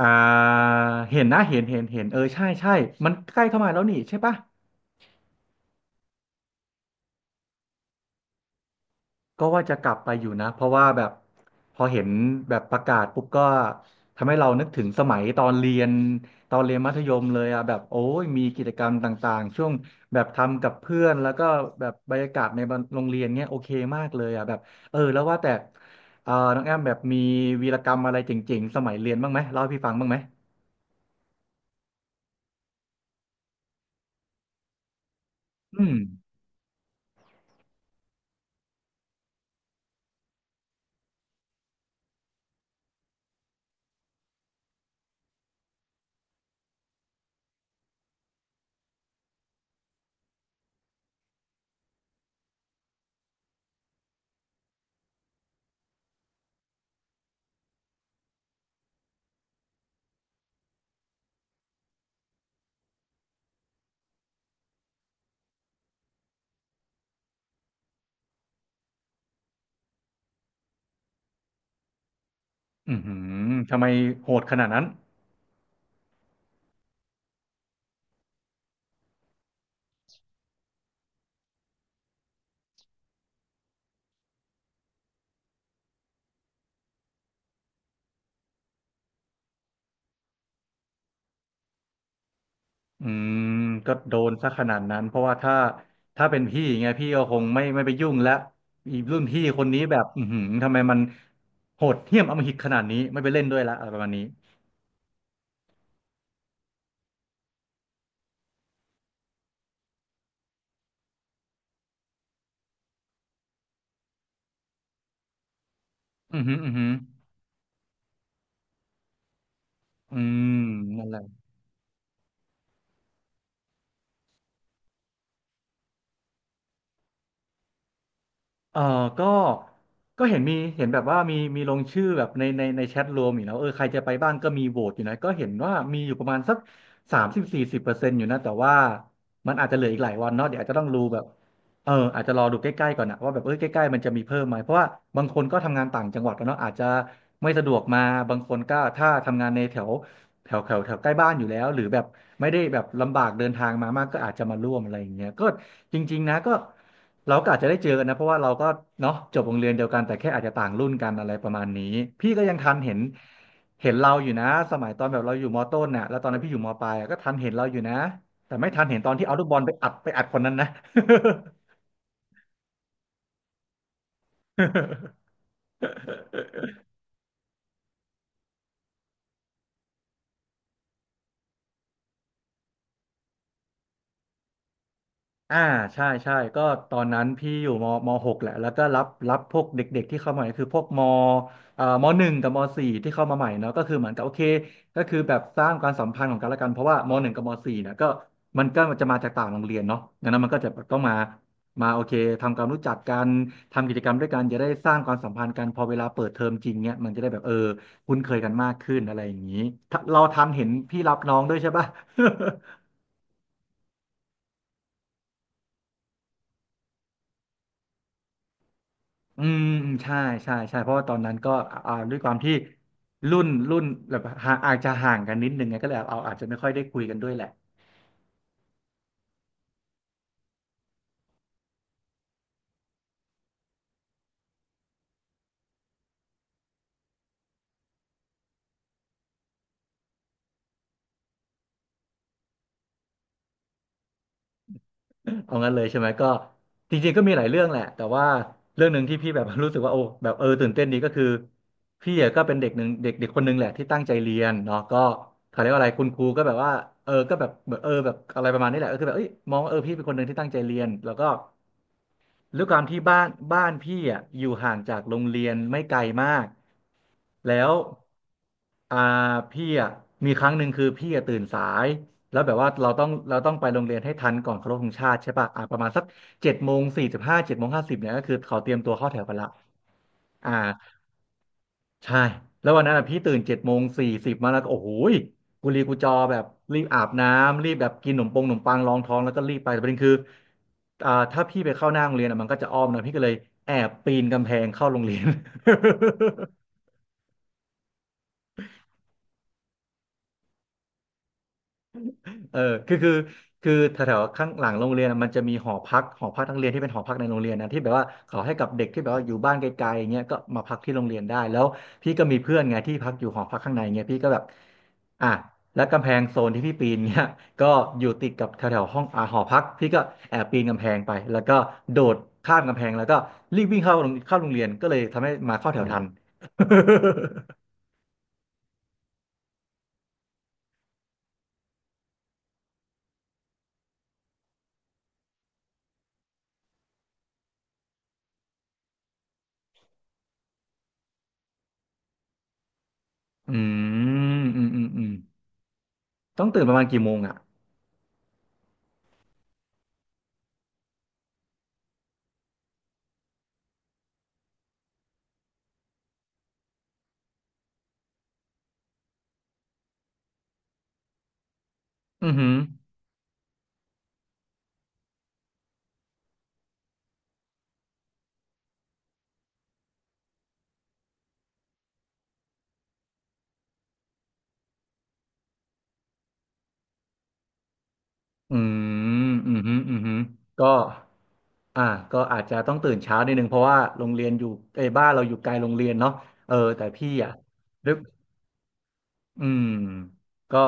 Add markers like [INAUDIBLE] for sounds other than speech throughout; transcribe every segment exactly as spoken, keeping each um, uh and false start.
อ่าเห็นนะเห็นเห็นเห็นเออใช่ใช่มันใกล้เข้ามาแล้วนี่ใช่ปะก็ว่าจะกลับไปอยู่นะเพราะว่าแบบพอเห็นแบบประกาศปุ๊บก็ทำให้เรานึกถึงสมัยตอนเรียนตอนเรียนมัธยมเลยอ่ะแบบโอ้ยมีกิจกรรมต่างๆช่วงแบบทำกับเพื่อนแล้วก็แบบบรรยากาศในโรงเรียนเนี้ยโอเคมากเลยอ่ะแบบเออแล้วว่าแต่เออน้องแอมแบบมีวีรกรรมอะไรเจ๋งๆสมัยเรียนบ้างไหมเล่าให้พี่ฟังบ้างไหมอืมอือหือทำไมโหดขนาดนั้น อืมก็โดนซะขนาดนั้นเพราะว่าถ้าถ้าเป็นพี่ไงพี่ก็คงไม่ไม่ไปยุ่งแล้วอีรุ่นพี่คนนี้แบบอือหือทำไมมันโหดเหี้ยมอำมหิตขนาดนี้ไม่ไปเล่นด้วยละอะไรประมาณนี้อือหืออือหืออืมนั่นแหละ เออก็ก็เห็นมีเห็นแบบว่ามีมีลงชื่อแบบในในในแชทรวมอยู่นะเออใครจะไปบ้างก็มีโหวตอยู่นะก็เห็นว่ามีอยู่ประมาณสักสามสิบสี่สิบเปอร์เซ็นต์อยู่นะแต่ว่ามันอาจจะเหลืออีกหลายวันเนาะเดี๋ยวอาจจะต้องรู้แบบเอออาจจะรอดูใกล้ๆก่อนนะว่าแบบเออใกล้ๆมันจะมีเพิ่มไหมเพราะว่าบางคนก็ทำงานต่างจังหวัดแล้วเนาะอาจจะไม่สะดวกมา บางคนก็ถ้าทำงานในแถว แถวแถวแถวใกล้บ้านอยู่แล้วหรือแบบไม่ได้แบบลำบากเดินทางมามากก็อาจจะมาร่วมอะไรอย่างเงี้ยก็จริงๆนะก็เราก็อาจจะได้เจอกันนะเพราะว่าเราก็เนาะจบโรงเรียนเดียวกันแต่แค่อาจจะต่างรุ่นกันอะไรประมาณนี้พี่ก็ยังทันเห็นเห็นเราอยู่นะสมัยตอนแบบเราอยู่มต้นน่ะแล้วตอนนั้นพี่อยู่มปลายอะก็ทันเห็นเราอยู่นะแต่ไม่ทันเห็นตอนที่เอาลูกบอลไปอัดไปอัดคนนั้นนะ [LAUGHS] อ่าใช่ใช่ก็ตอนนั้นพี่อยู่มมหกแหละแล้วก็รับรับพวกเด็กๆที่เข้ามาใหม่คือพวกมเอ่อมหนึ่งกับมสี่ที่เข้ามาใหม่เนาะก็คือเหมือนกับโอเคก็คือแบบสร้างความสัมพันธ์ของกันและกันเพราะว่ามหนึ่งกับมสี่เนี่ยก็มันก็จะมาจากต่างโรงเรียนเนาะดังนั้นมันก็จะแบบต้องมามาโอเคทำความรู้จักกันทำกิจกรรมด้วยกันจะได้สร้างความสัมพันธ์กันพอเวลาเปิดเทอมจริงเนี่ยมันจะได้แบบเออคุ้นเคยกันมากขึ้นอะไรอย่างนี้ถ้าเราทันเห็นพี่รับน้องด้วยใช่ปะ อืมอืมใช่ใช่ใช่เพราะว่าตอนนั้นก็อ่าด้วยความที่รุ่นรุ่นแบบห่างอาจจะห่างกันนิดนึงไงก็เลยเอาอาจจะไม่ค่อยได้คุยกันด้วยแหละเอางั้นเลยใช่ไหมก็จริงๆก็มีหลายเรื่องแหละแต่ว่าเรื่องหนึ่งที่พี่แบบ [LAUGHS] รู้สึกว่าโอ้แบบเออตื่นเต้นดีก็คือพี่อะก็เป็นเด็กหนึ่งเด็กเด็กคนหนึ่งแหละที่ตั้งใจเรียนเนาะก็เขาเรียกว่าอะไรคุณครูก็แบบว่าเออก็แบบเออแบบอะไรประมาณนี้แหละก็คือแบบเอ้ยมองว่าเออพี่เป็นคนหนึ่งที่ตั้งใจเรียนแล้วก็ ด้วยความที่บ้านบ้านพี่อ่ะอยู่ห่างจากโรงเรียนไม่ไกลมากแล้วอ่าพี่อ่ะมีครั้งหนึ่งคือพี่อ่ะตื่นสายแล้วแบบว่าเราต้องเราต้องไปโรงเรียนให้ทันก่อนเคารพธงชาติใช่ป่ะอ่าประมาณสักเจ็ดโมงสี่สิบห้าเจ็ดโมงห้าสิบเนี่ยก็คือเขาเตรียมตัวเข้าแถวกันละอ่า ใช่แล้ววันนั้นอะพี่ตื่นเจ็ดโมงสี่สิบมาแล้วก็โอ้โหยกุลีกุจอแบบรีบอาบน้ำรีบแบบกินขนมปงขนมปังรองท้องแล้วก็รีบไปแต่ประเด็นคืออ่าถ้าพี่ไปเข้าหน้าโรงเรียนอะมันก็จะอ้อมนะพี่ก็เลยแอบปีนกำแพงเข้าโรงเรียน เออคือคือคือแถวๆข้างหลังโรงเรียนอะมันจะมีหอพักหอพักนักเรียนที่เป็นหอพักในโรงเรียนนะที่แบบว่าเขาให้กับเด็กที่แบบว่าอยู่บ้านไกลๆอย่างเงี้ยก็มาพักที่โรงเรียนได้แล้วพี่ก็มีเพื่อนไงที่พักอยู่หอพักข้างในเงี้ยพี่ก็แบบอ่ะแล้วกำแพงโซนที่พี่ปีนเงี้ย [LAUGHS] ก็อยู่ติดกับแถวๆห้องอ่าหอพักพี่ก็แอบปีนกำแพงไปแล้วก็โดดข้ามกำแพงแล้วก็รีบวิ่งเข้าโรงเข้าโรงเรียนก็เลยทำให้มาเข้าแถวทัน [LAUGHS] อืมอืมอืมอืมต้องตื่นประมาณกี่โมงอ่ะอือหือ อืมอืมฮึอืมฮึก็อ่าก็อาจจะต้องตื่นเช้านิดนึงเพราะว่าโรงเรียนอยู่ไอ้ยบ้านเราอยู่ไกลโรงเรียนเนาะเออแต่พี่อ่ะนึกอืมก็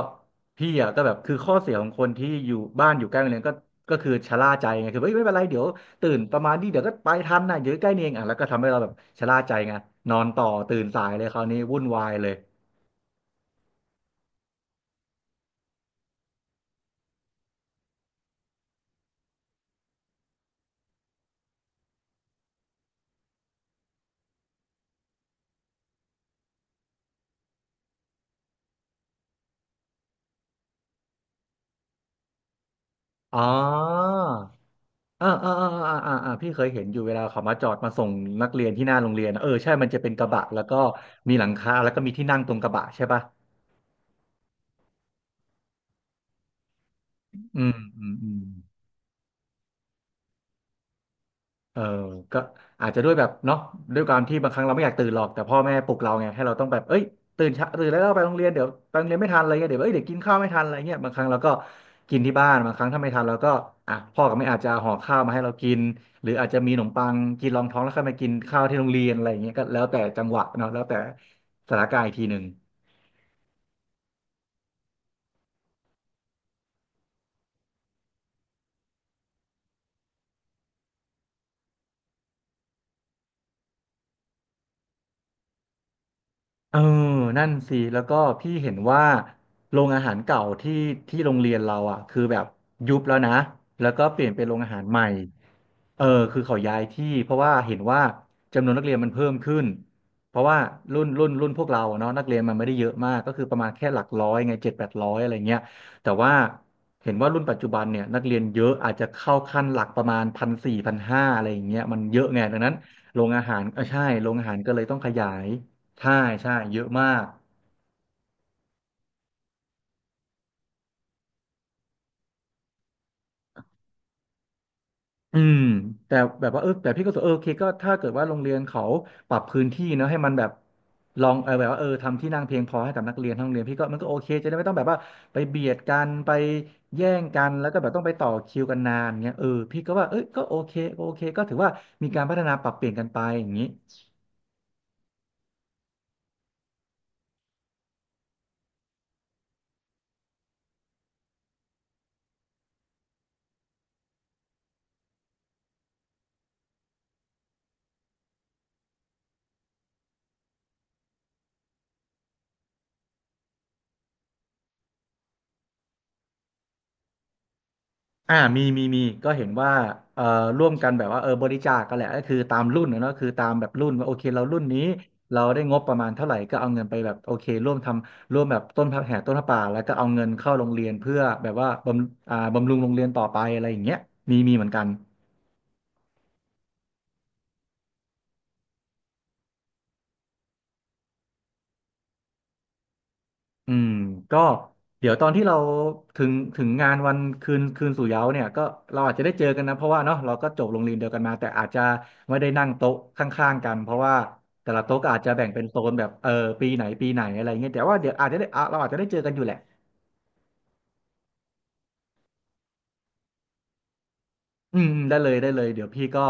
พี่อ่ะก็แบบคือข้อเสียของคนที่อยู่บ้านอยู่ใกล้โรงเรียนก็ก็คือชะล่าใจไงคือเอ้ยไม่เป็นไรเดี๋ยวตื่นประมาณนี้เดี๋ยวก็ไปทันนะเดี๋ยวใกล้นี่เองอ่ะแล้วก็ทำให้เราแบบชะล่าใจไงนอนต่อตื่นสายเลยคราวนี้วุ่นวายเลยอ๋อ อ่าอ่าอ่าอ่าอ่าอ่าพี่เคยเห็นอยู่เวลาเขามาจอดมาส่งนักเรียนที่หน้าโรงเรียนอะเออใช่มันจะเป็นกระบะแล้วก็มีหลังคาแล้วก็มีที่นั่งตรงกระบะใช่ป่ะอืมอืมอืม เออก็อาจจะด้วยแบบเนาะด้วยความที่บางครั้งเราไม่อยากตื่นหรอกแต่พ่อแม่ปลุกเราไงให้เราต้องแบบเอ้ยตื่นเช้าตื่นแล้วไปโรงเรียนเดี๋ยวไปโรงเรียนไม่ทันอะไรเงี้ยเดี๋ยวเอ้ยเดี๋ยวกินข้าวไม่ทันอะไรเงี้ยบางครั้งเราก็กินที่บ้านบางครั้งถ้าไม่ทันเราก็อ่ะพ่อกับแม่อาจจะห่อข้าวมาให้เรากินหรืออาจจะมีขนมปังกินรองท้องแล้วค่อยมากินข้าวที่โรงเรียนอะไรเงี้ยก็แล้วแต่จังหวะเนาะแล้วแต่สถานการณ์อีกทีหนึ่ง เออนั่นสิแล้วก็พี่เห็นว่าโรงอาหารเก่าที่ที่โรงเรียนเราอ่ะคือแบบยุบแล้วนะแล้วก็เปลี่ยนเป็นโรงอาหารใหม่เออคือเขาย้ายที่เพราะว่าเห็นว่าจำนวนนักเรียนมันเพิ่มขึ้นเพราะว่ารุ่นรุ่นรุ่นพวกเราอะเนาะนักเรียนมันไม่ได้เยอะมากก็คือประมาณแค่หลักร้อยไงเจ็ดแปดร้อยอะไรเงี้ยแต่ว่าเห็นว่ารุ่นปัจจุบันเนี่ยนักเรียนเยอะอาจจะเข้าขั้นหลักประมาณพันสี่พันห้าอะไรอย่างเงี้ยมันเยอะไงดังนั้นโรงอาหารเออใช่โรงอาหารก็เลยต้องขยาย ใช่ใช่เยอะมากอืมแต่แบบว่าเออแต่พี่ก็รู้สึกเออโอเคก็ถ้าเกิดว่าโรงเรียนเขาปรับพื้นที่เนอะให้มันแบบลองเออแบบว่าเออทำที่นั่งเพียงพอให้กับนักเรียนทั้งโรงเรียนพี่ก็มันก็โอเคจะได้ไม่ต้องแบบว่าไปเบียดกันไปแย่งกันแล้วก็แบบต้องไปต่อคิวกันนานเงี้ยเออพี่ก็ว่าเอ้ยก็โอเคโอเคก็ถือว่ามีการพัฒนาปรับเปลี่ยนกันไปอย่างนี้ อ่ามีมีมีก็เห็นว่าเอ่อร่วมกันแบบว่าเออบริจาคกันแหละก็คือตามรุ่นนะเนอะคือตามแบบรุ่นว่าโอเคเรารุ่นนี้เราได้งบประมาณเท่าไหร่ก็เอาเงินไปแบบโอเคร่วมทำร่วมแบบต้นพับแห่ต้นพระป่าแล้วก็เอาเงินเข้าโรงเรียนเพื่อแบบว่าบำอ่าบำรุงโรงเรียนต่อไปอะไรอย่างเงี้ยมีมีเหมือนกัน อืมก็เดี๋ยวตอนที่เราถึงถึงงานวันคืนคืนสู่เหย้าเนี่ยก็เราอาจจะได้เจอกันนะเพราะว่าเนาะเราก็จบโรงเรียนเดียวกันมาแต่อาจจะไม่ได้นั่งโต๊ะข้างๆกันเพราะว่าแต่ละโต๊ะก็อาจจะแบ่งเป็นโซนแบบเออปีไหนปีไหนอะไรเงี้ยแต่ว่าเดี๋ยวอาจจะได้อ่ะเราอาจจะได้เจอกันอยู่แหละอืมอืมได้เลยได้เลยเดี๋ยวพี่ก็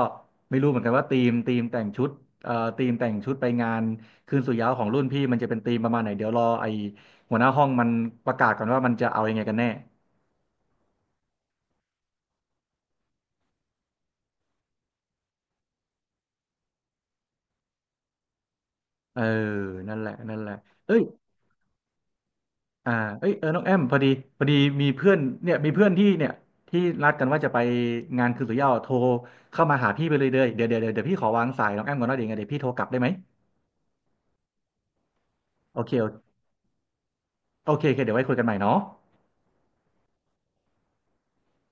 ไม่รู้เหมือนกันว่าธีมธีมแต่งชุดเอ่อธีมแต่งชุดไปงานคืนสู่เหย้าของรุ่นพี่มันจะเป็นธีมประมาณไหนเดี๋ยวรอไอหัวหน้าห้องมันประกาศก่อนว่ามันจะเอายังไงกันแน่เออนั่นแหละนั่นแหละเอ้ย อ่าเอ้ยเออน้องแอมพอดี พอดีมีเพื่อนเนี่ยมีเพื่อนที่เนี่ยที่นัดกันว่าจะไปงานคืนสุยาวโทรเข้ามาหาพี่ไปเลยเด้อเดี๋ยวเดี๋ยวเดี๋ยวเดี๋ยวพี่ขอวางสายน้องแอมก่อนนะเดี๋ยวยังไงเดี๋ยวพี่โทรกลับได้ไหม โอเคโอเคโอเคเดี๋ยวไว้คุยกันใหม่เนาะ